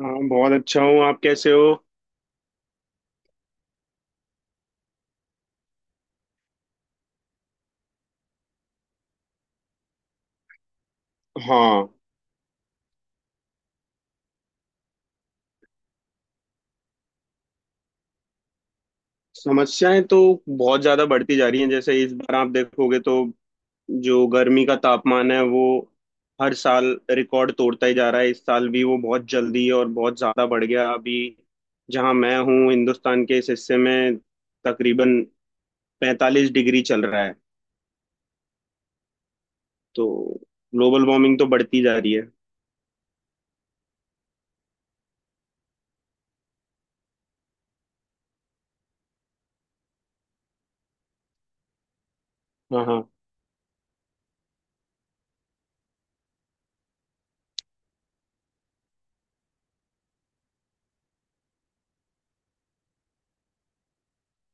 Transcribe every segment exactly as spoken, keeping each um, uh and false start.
हाँ, बहुत अच्छा हूँ। आप कैसे हो? हाँ। समस्याएं तो बहुत ज्यादा बढ़ती जा रही हैं। जैसे इस बार आप देखोगे तो जो गर्मी का तापमान है वो हर साल रिकॉर्ड तोड़ता ही जा रहा है। इस साल भी वो बहुत जल्दी और बहुत ज्यादा बढ़ गया। अभी जहाँ मैं हूँ हिंदुस्तान के इस हिस्से में तकरीबन पैंतालीस डिग्री चल रहा है। तो ग्लोबल वार्मिंग तो बढ़ती जा रही है। हाँ, हाँ।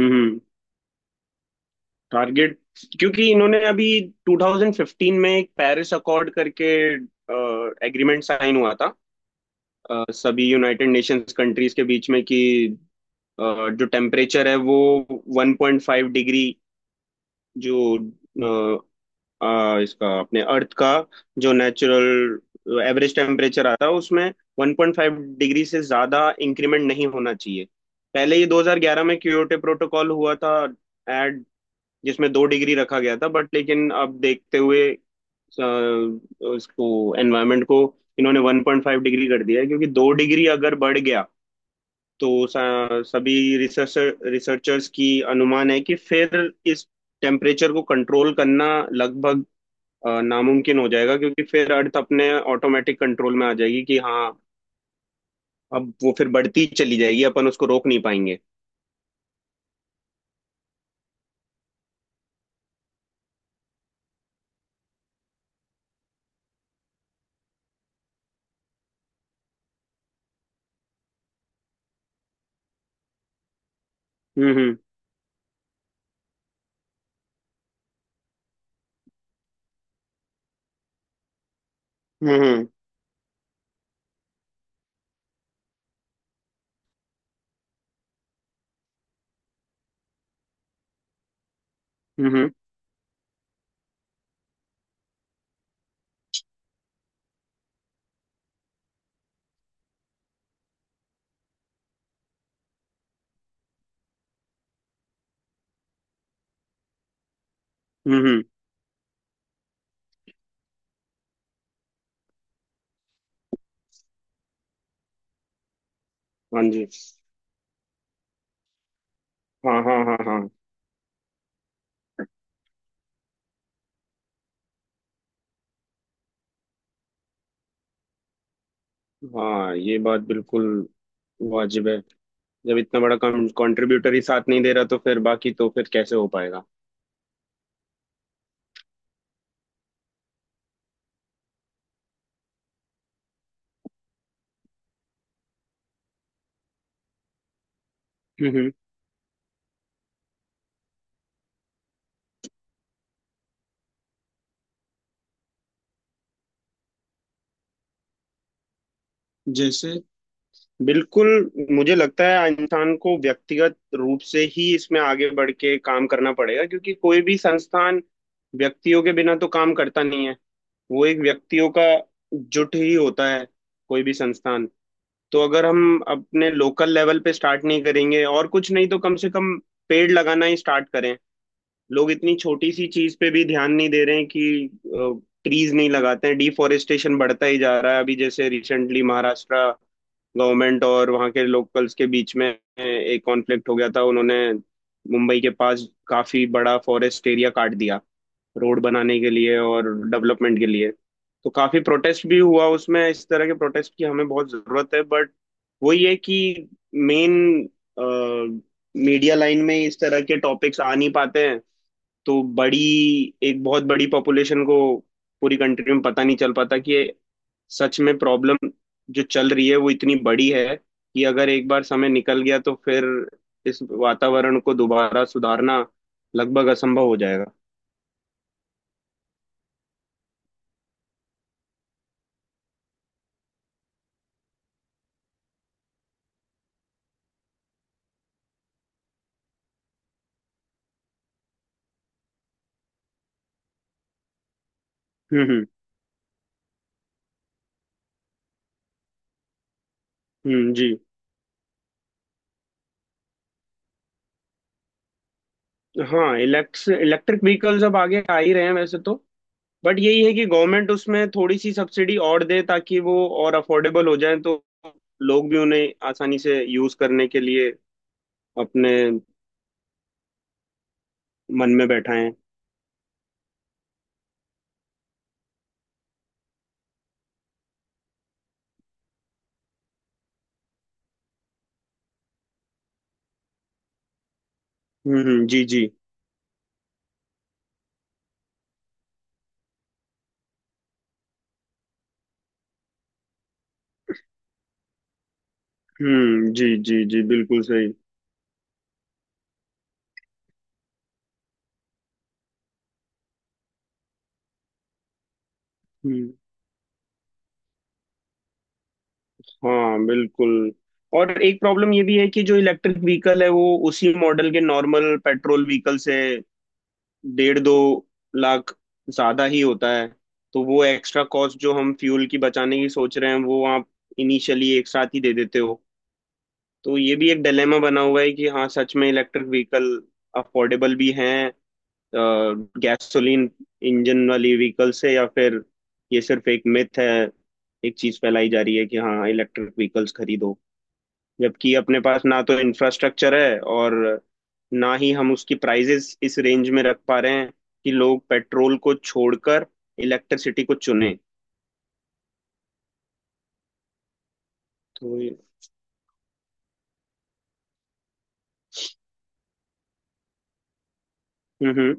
हम्म। टारगेट, क्योंकि इन्होंने अभी ट्वेंटी फ़िफ़्टीन में एक पेरिस अकॉर्ड करके एग्रीमेंट साइन हुआ था। अ, सभी यूनाइटेड नेशंस कंट्रीज के बीच में कि अ, जो टेम्परेचर है वो वन पॉइंट फ़ाइव डिग्री जो अ, अ, इसका अपने अर्थ का जो नेचुरल एवरेज टेम्परेचर आता है उसमें वन पॉइंट फ़ाइव डिग्री से ज्यादा इंक्रीमेंट नहीं होना चाहिए। पहले ये दो हज़ार ग्यारह में क्योटो प्रोटोकॉल हुआ था एट जिसमें दो डिग्री रखा गया था, बट लेकिन अब देखते हुए अ, उसको, एनवायरनमेंट को, इन्होंने वन पॉइंट फ़ाइव डिग्री कर दिया है क्योंकि दो डिग्री अगर बढ़ गया तो स- सभी रिसर्चर रिसर्चर्स की अनुमान है कि फिर इस टेम्परेचर को कंट्रोल करना लगभग अ, नामुमकिन हो जाएगा, क्योंकि फिर अर्थ अपने ऑटोमेटिक कंट्रोल में आ जाएगी कि हाँ अब वो फिर बढ़ती चली जाएगी। अपन उसको रोक नहीं पाएंगे। हम्म। हम्म। हम्म। हम्म। हम्म। हम्म, हम्म, हाँ जी। हाँ, हाँ, हाँ, हाँ। हाँ, ये बात बिल्कुल वाजिब है। जब इतना बड़ा कंट्रीब्यूटर ही साथ नहीं दे रहा तो फिर बाकी तो फिर कैसे हो पाएगा? हम्म। जैसे, बिल्कुल। मुझे लगता है इंसान को व्यक्तिगत रूप से ही इसमें आगे बढ़ के काम करना पड़ेगा, क्योंकि कोई भी संस्थान व्यक्तियों के बिना तो काम करता नहीं है। वो एक व्यक्तियों का जुट ही होता है, कोई भी संस्थान। तो अगर हम अपने लोकल लेवल पे स्टार्ट नहीं करेंगे, और कुछ नहीं तो कम से कम पेड़ लगाना ही स्टार्ट करें। लोग इतनी छोटी सी चीज पे भी ध्यान नहीं दे रहे हैं कि ट्रीज नहीं लगाते हैं। डिफॉरेस्टेशन बढ़ता ही जा रहा है। अभी जैसे रिसेंटली महाराष्ट्र गवर्नमेंट और वहाँ के लोकल्स के बीच में एक कॉन्फ्लिक्ट हो गया था। उन्होंने मुंबई के पास काफी बड़ा फॉरेस्ट एरिया काट दिया रोड बनाने के लिए और डेवलपमेंट के लिए। तो काफी प्रोटेस्ट भी हुआ उसमें। इस तरह के प्रोटेस्ट की हमें बहुत जरूरत है, बट वही है कि मेन मीडिया लाइन में इस तरह के टॉपिक्स आ नहीं पाते हैं। तो बड़ी एक बहुत बड़ी पॉपुलेशन को पूरी कंट्री में पता नहीं चल पाता कि ये सच में प्रॉब्लम जो चल रही है वो इतनी बड़ी है कि अगर एक बार समय निकल गया तो फिर इस वातावरण को दोबारा सुधारना लगभग असंभव हो जाएगा। हम्म। हम्म। हम्म, जी। हाँ, इलेक्ट्स इलेक्ट्रिक व्हीकल्स अब आगे आ ही रहे हैं वैसे तो। बट यही है कि गवर्नमेंट उसमें थोड़ी सी सब्सिडी और दे ताकि वो और अफोर्डेबल हो जाए, तो लोग भी उन्हें आसानी से यूज करने के लिए अपने मन में बैठा है। हम्म, हम्म, जी, जी। हम्म, जी, जी, जी, बिल्कुल सही। हम्म। हाँ, बिल्कुल। और एक प्रॉब्लम ये भी है कि जो इलेक्ट्रिक व्हीकल है वो उसी मॉडल के नॉर्मल पेट्रोल व्हीकल से डेढ़ दो लाख ज्यादा ही होता है। तो वो एक्स्ट्रा कॉस्ट जो हम फ्यूल की बचाने की सोच रहे हैं वो आप इनिशियली एक साथ ही दे देते हो। तो ये भी एक डिलेमा बना हुआ है कि हाँ सच में इलेक्ट्रिक व्हीकल अफोर्डेबल भी हैं गैसोलीन इंजन वाली व्हीकल से, या फिर ये सिर्फ एक मिथ है। एक चीज फैलाई जा रही है कि हाँ इलेक्ट्रिक व्हीकल्स खरीदो, जबकि अपने पास ना तो इंफ्रास्ट्रक्चर है और ना ही हम उसकी प्राइजेस इस रेंज में रख पा रहे हैं कि लोग पेट्रोल को छोड़कर इलेक्ट्रिसिटी को चुने। तो। हम्म, हम्म,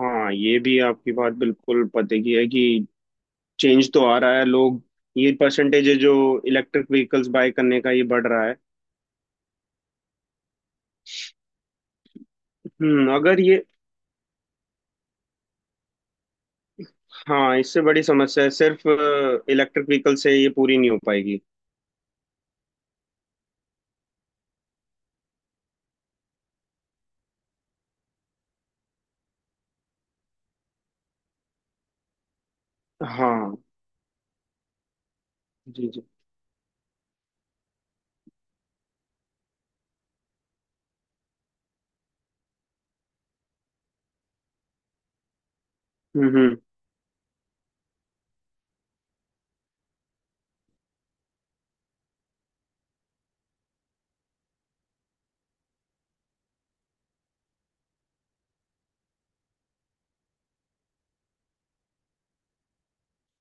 हाँ। ये भी आपकी बात बिल्कुल पते की है कि चेंज तो आ रहा है। लोग ये परसेंटेज जो इलेक्ट्रिक व्हीकल्स बाय करने का, ये बढ़ रहा है। हम्म। अगर ये हाँ, इससे बड़ी समस्या है, सिर्फ इलेक्ट्रिक व्हीकल से ये पूरी नहीं हो पाएगी। हाँ, जी, जी। हम्म। हम्म।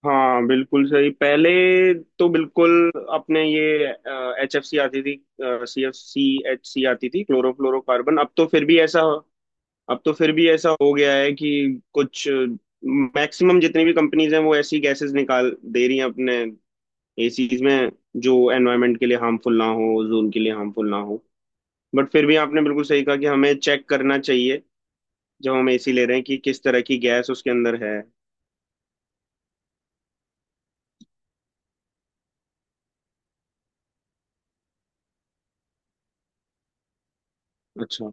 हाँ, बिल्कुल सही। पहले तो बिल्कुल अपने ये एच एफ सी आती थी, C F C, H C आती थी, क्लोरोफ्लोरोकार्बन। अब तो फिर भी ऐसा अब तो फिर भी ऐसा हो गया है कि कुछ मैक्सिमम जितनी भी कंपनीज हैं वो ऐसी गैसेस निकाल दे रही हैं अपने एसीज में, जो एनवायरनमेंट के लिए हार्मफुल ना हो, ओजोन के लिए हार्मफुल ना हो। बट फिर भी आपने बिल्कुल सही कहा कि हमें चेक करना चाहिए जब हम एसी ले रहे हैं कि किस तरह की गैस उसके अंदर है। अच्छा।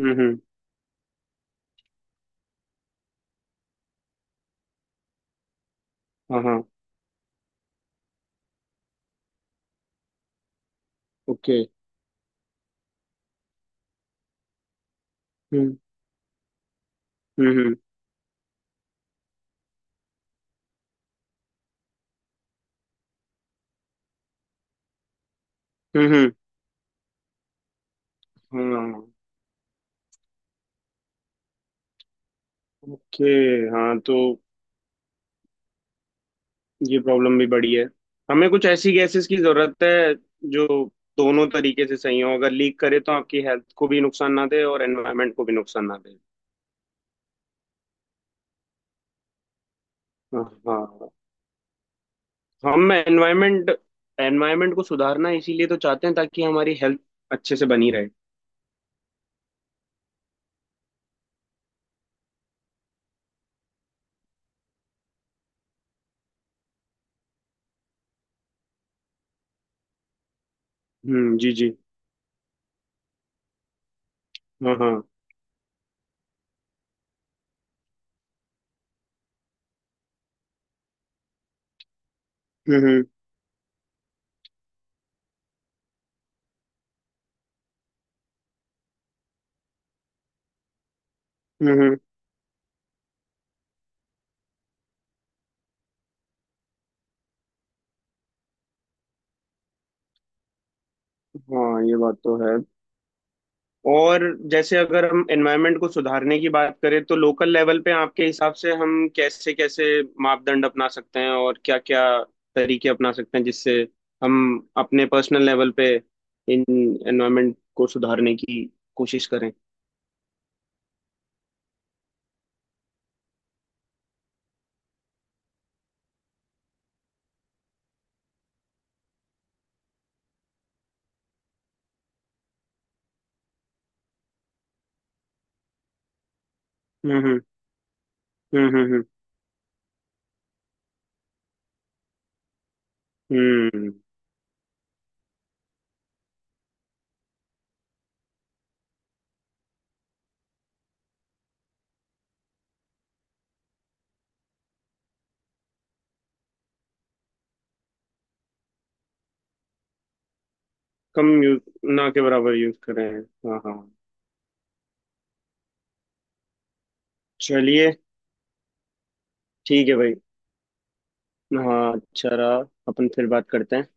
हम्म। हम्म। हाँ, हाँ। ओके। हम्म। हम्म। हम्म। हम्म। हम्म, हाँ। ओके। हाँ, तो ये प्रॉब्लम भी बड़ी है। हमें कुछ ऐसी गैसेस की जरूरत है जो दोनों तरीके से सही हो, अगर लीक करे तो आपकी हेल्थ को भी नुकसान ना दे और एनवायरनमेंट को भी नुकसान ना दे। हाँ। हम एनवायरनमेंट एनवायरनमेंट को सुधारना इसीलिए तो चाहते हैं ताकि हमारी हेल्थ अच्छे से बनी रहे। हम्म, जी, जी। हाँ, हाँ। हम्म। हम्म। हम्म, हाँ। ये बात तो है। और जैसे अगर हम एनवायरनमेंट को सुधारने की बात करें तो लोकल लेवल पे आपके हिसाब से हम कैसे कैसे मापदंड अपना सकते हैं और क्या क्या तरीके अपना सकते हैं जिससे हम अपने पर्सनल लेवल पे इन एनवायरनमेंट को सुधारने की कोशिश करें? हम्म। हम्म। हम्म। हम्म। हम्म, हम्म, कम यूज, ना के बराबर यूज करें। हाँ, हाँ। चलिए। ठीक है भाई। हाँ, अच्छा रहा। अपन फिर बात करते हैं।